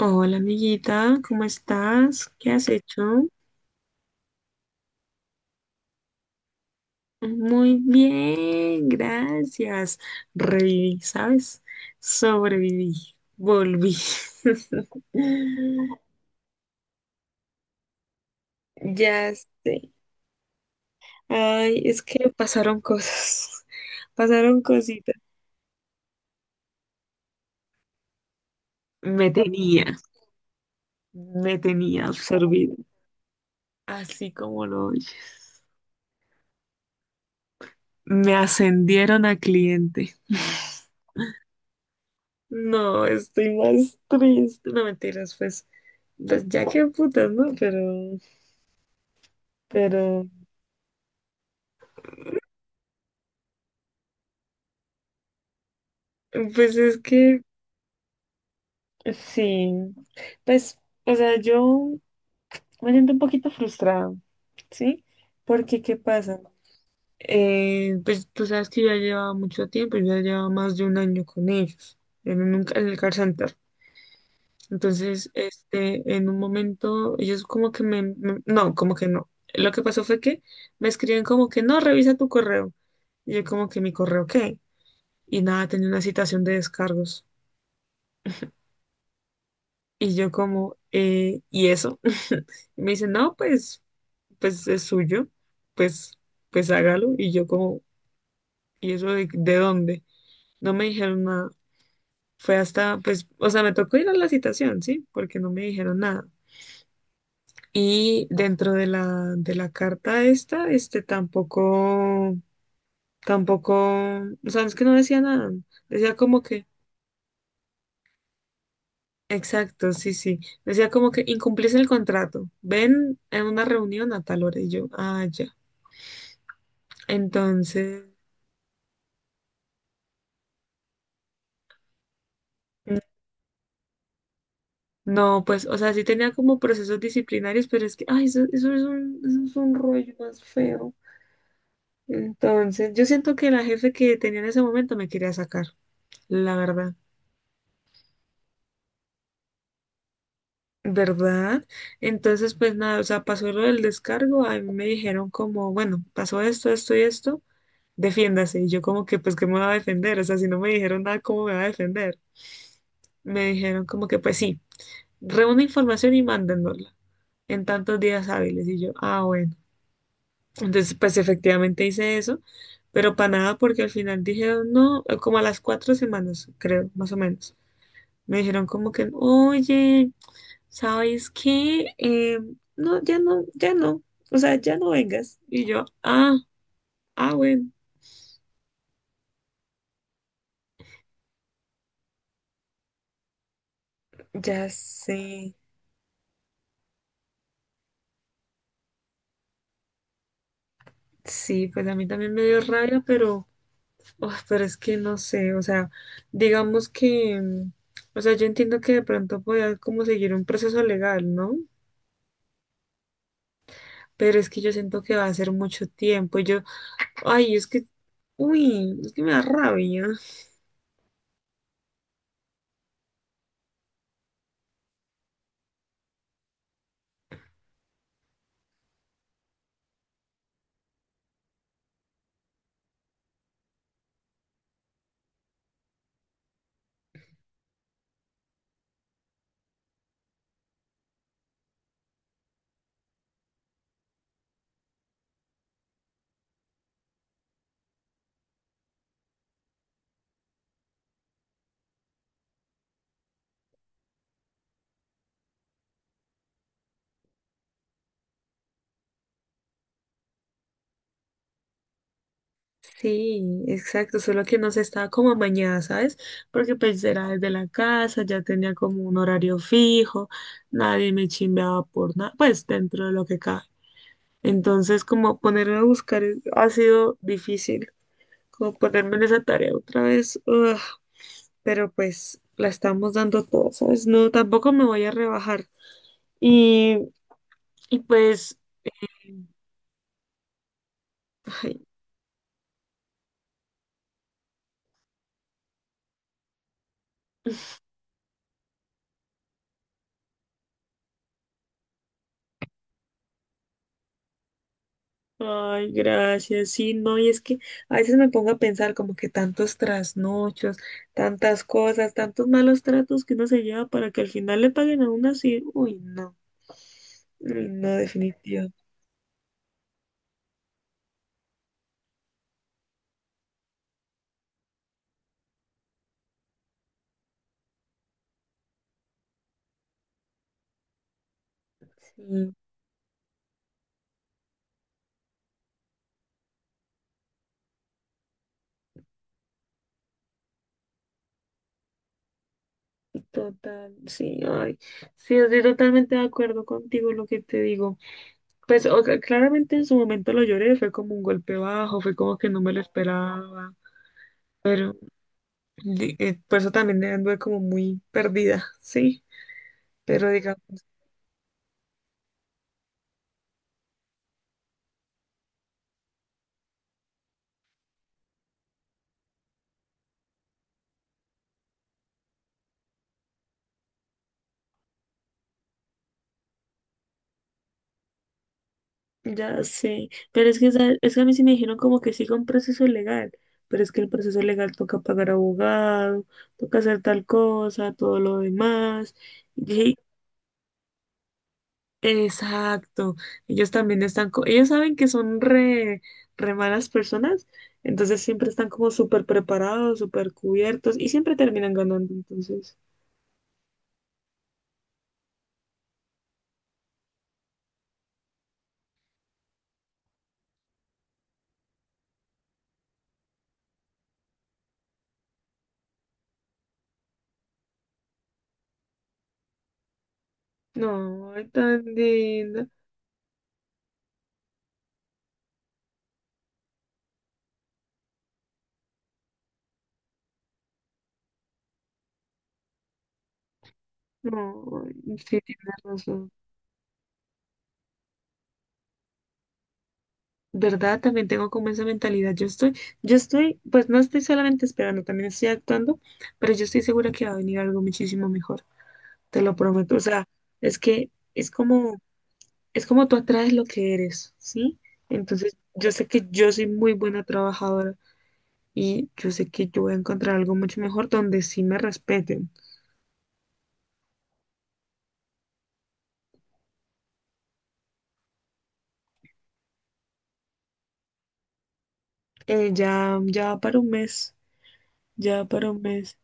Hola amiguita, ¿cómo estás? ¿Qué has hecho? Muy bien, gracias. Reviví, ¿sabes? Sobreviví, volví. Ya sé. Ay, es que pasaron cosas, pasaron cositas. Me tenía, Me tenía absorbido, así como lo oyes. Me ascendieron a cliente. No, estoy más triste. No mentiras, fue. Pues ya que putas, ¿no? Pero pues es que sí. Pues, o sea, yo me siento un poquito frustrada, ¿sí? Porque, ¿qué pasa? Pues tú sabes que yo ya llevaba más de un año con ellos, en el car center. Entonces, en un momento, ellos como que no, como que no. Lo que pasó fue que me escriben como que no, revisa tu correo. Y yo como que mi correo, ¿qué? Y nada, tenía una citación de descargos. Y yo como, ¿y eso? Y me dice, no, pues, pues es suyo, pues, pues hágalo. Y yo como, ¿y eso de dónde? No me dijeron nada. Fue hasta, pues, o sea, me tocó ir a la citación, ¿sí? Porque no me dijeron nada. Y dentro de la carta esta, este tampoco, o sea, es que no decía nada. Decía como que. Exacto, sí, sí. Decía como que incumplís el contrato. Ven en una reunión a tal hora y yo, ah, ya. Entonces, no, pues, o sea, sí tenía como procesos disciplinarios, pero es que, ay, eso es un rollo más feo. Entonces, yo siento que la jefe que tenía en ese momento me quería sacar, la verdad. ¿Verdad? Entonces, pues nada, o sea, pasó lo del descargo, a mí me dijeron como, bueno, pasó esto, esto y esto. Defiéndase. Y yo como que, pues, ¿qué me va a defender? O sea, si no me dijeron nada, ¿cómo me va a defender? Me dijeron como que, pues sí, reúne información y mándennosla en tantos días hábiles. Y yo, ah, bueno. Entonces, pues efectivamente hice eso, pero para nada porque al final dijeron, no, como a las 4 semanas, creo, más o menos. Me dijeron como que, oye, ¿sabes qué? No, ya no. O sea, ya no vengas. Y yo, ah, ah, bueno, ya sé. Sí, pues a mí también me dio rabia, pero, oh, pero es que no sé, o sea, digamos que, o sea, yo entiendo que de pronto pueda como seguir un proceso legal, ¿no? Pero es que yo siento que va a ser mucho tiempo. Yo, ay, es que, uy, es que me da rabia. Sí, exacto, solo que no se estaba como amañada, ¿sabes? Porque pues era desde la casa, ya tenía como un horario fijo, nadie me chimbeaba por nada, pues dentro de lo que cabe. Entonces, como ponerme a buscar es- ha sido difícil, como ponerme en esa tarea otra vez, ugh, pero pues la estamos dando todas, ¿sabes? No, tampoco me voy a rebajar. Y, y pues, ay, ay, gracias, sí, no, y es que a veces me pongo a pensar como que tantos trasnochos, tantas cosas, tantos malos tratos que uno se lleva para que al final le paguen a uno así, uy, no, definitivo. Total, sí, ay, sí, estoy totalmente de acuerdo contigo lo que te digo. Pues o sea, claramente en su momento lo lloré, fue como un golpe bajo, fue como que no me lo esperaba, pero por eso también anduve como muy perdida, sí, pero digamos, ya sé, pero es que, ¿sabes? Es que a mí sí me dijeron como que siga un proceso legal, pero es que el proceso legal toca pagar abogado, toca hacer tal cosa, todo lo demás. Exacto. Ellos también están, ellos saben que son re malas personas, entonces siempre están como súper preparados, súper cubiertos y siempre terminan ganando. Entonces, no, ay, tan linda. No, sí, tienes razón. ¿Verdad? También tengo como esa mentalidad. Yo estoy, pues no estoy solamente esperando, también estoy actuando, pero yo estoy segura que va a venir algo muchísimo mejor. Te lo prometo. O sea, es que es como es como tú atraes lo que eres, ¿sí? Entonces, yo sé que yo soy muy buena trabajadora y yo sé que yo voy a encontrar algo mucho mejor donde sí me respeten. Ya, ya va para un mes, ya va para un mes.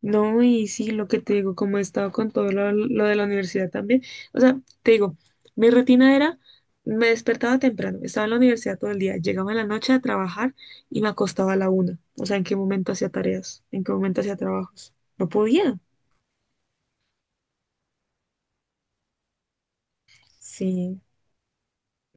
No, y sí, lo que te digo, como he estado con todo lo de la universidad también, o sea, te digo, mi rutina era, me despertaba temprano, estaba en la universidad todo el día, llegaba en la noche a trabajar y me acostaba a la una. O sea, ¿en qué momento hacía tareas? ¿En qué momento hacía trabajos? No podía. Sí.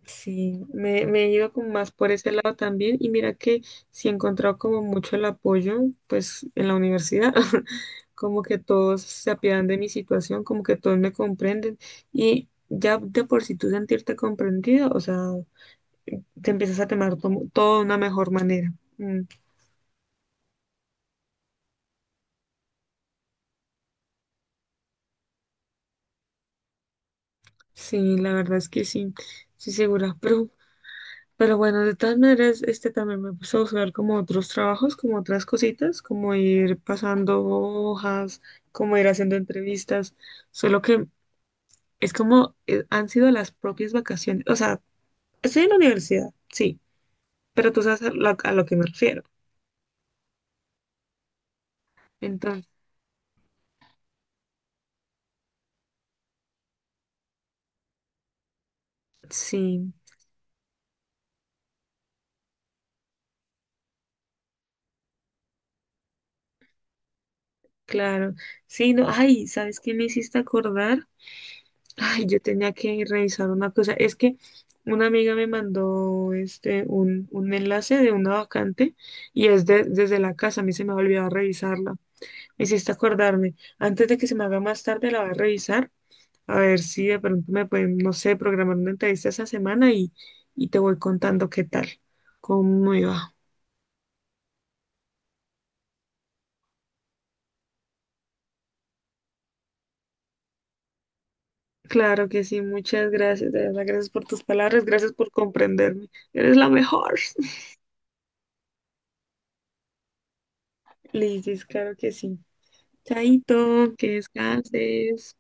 Sí, me he ido como más por ese lado también y mira que sí he encontrado como mucho el apoyo pues en la universidad, como que todos se apiadan de mi situación, como que todos me comprenden y ya de por sí tú sentirte comprendido, o sea, te empiezas a tomar todo de una mejor manera. Mm, sí, la verdad es que sí, sí segura, pero. Pero bueno, de todas maneras, este también me puse a buscar como otros trabajos, como otras cositas, como ir pasando hojas, como ir haciendo entrevistas, solo que es como han sido las propias vacaciones, o sea, estoy en la universidad, sí, pero tú sabes a lo que me refiero. Entonces, sí, claro. Sí, no, ay, ¿sabes qué me hiciste acordar? Ay, yo tenía que revisar una cosa. Es que una amiga me mandó este un enlace de una vacante y es desde la casa. A mí se me ha olvidado revisarla. Me hiciste acordarme. Antes de que se me haga más tarde, la voy a revisar. A ver si de pronto me pueden, no sé, programar una entrevista esa semana y te voy contando qué tal, cómo iba. Claro que sí, muchas gracias. De verdad, gracias por tus palabras, gracias por comprenderme. Eres la mejor. Liz, claro que sí. Chaito, que descanses.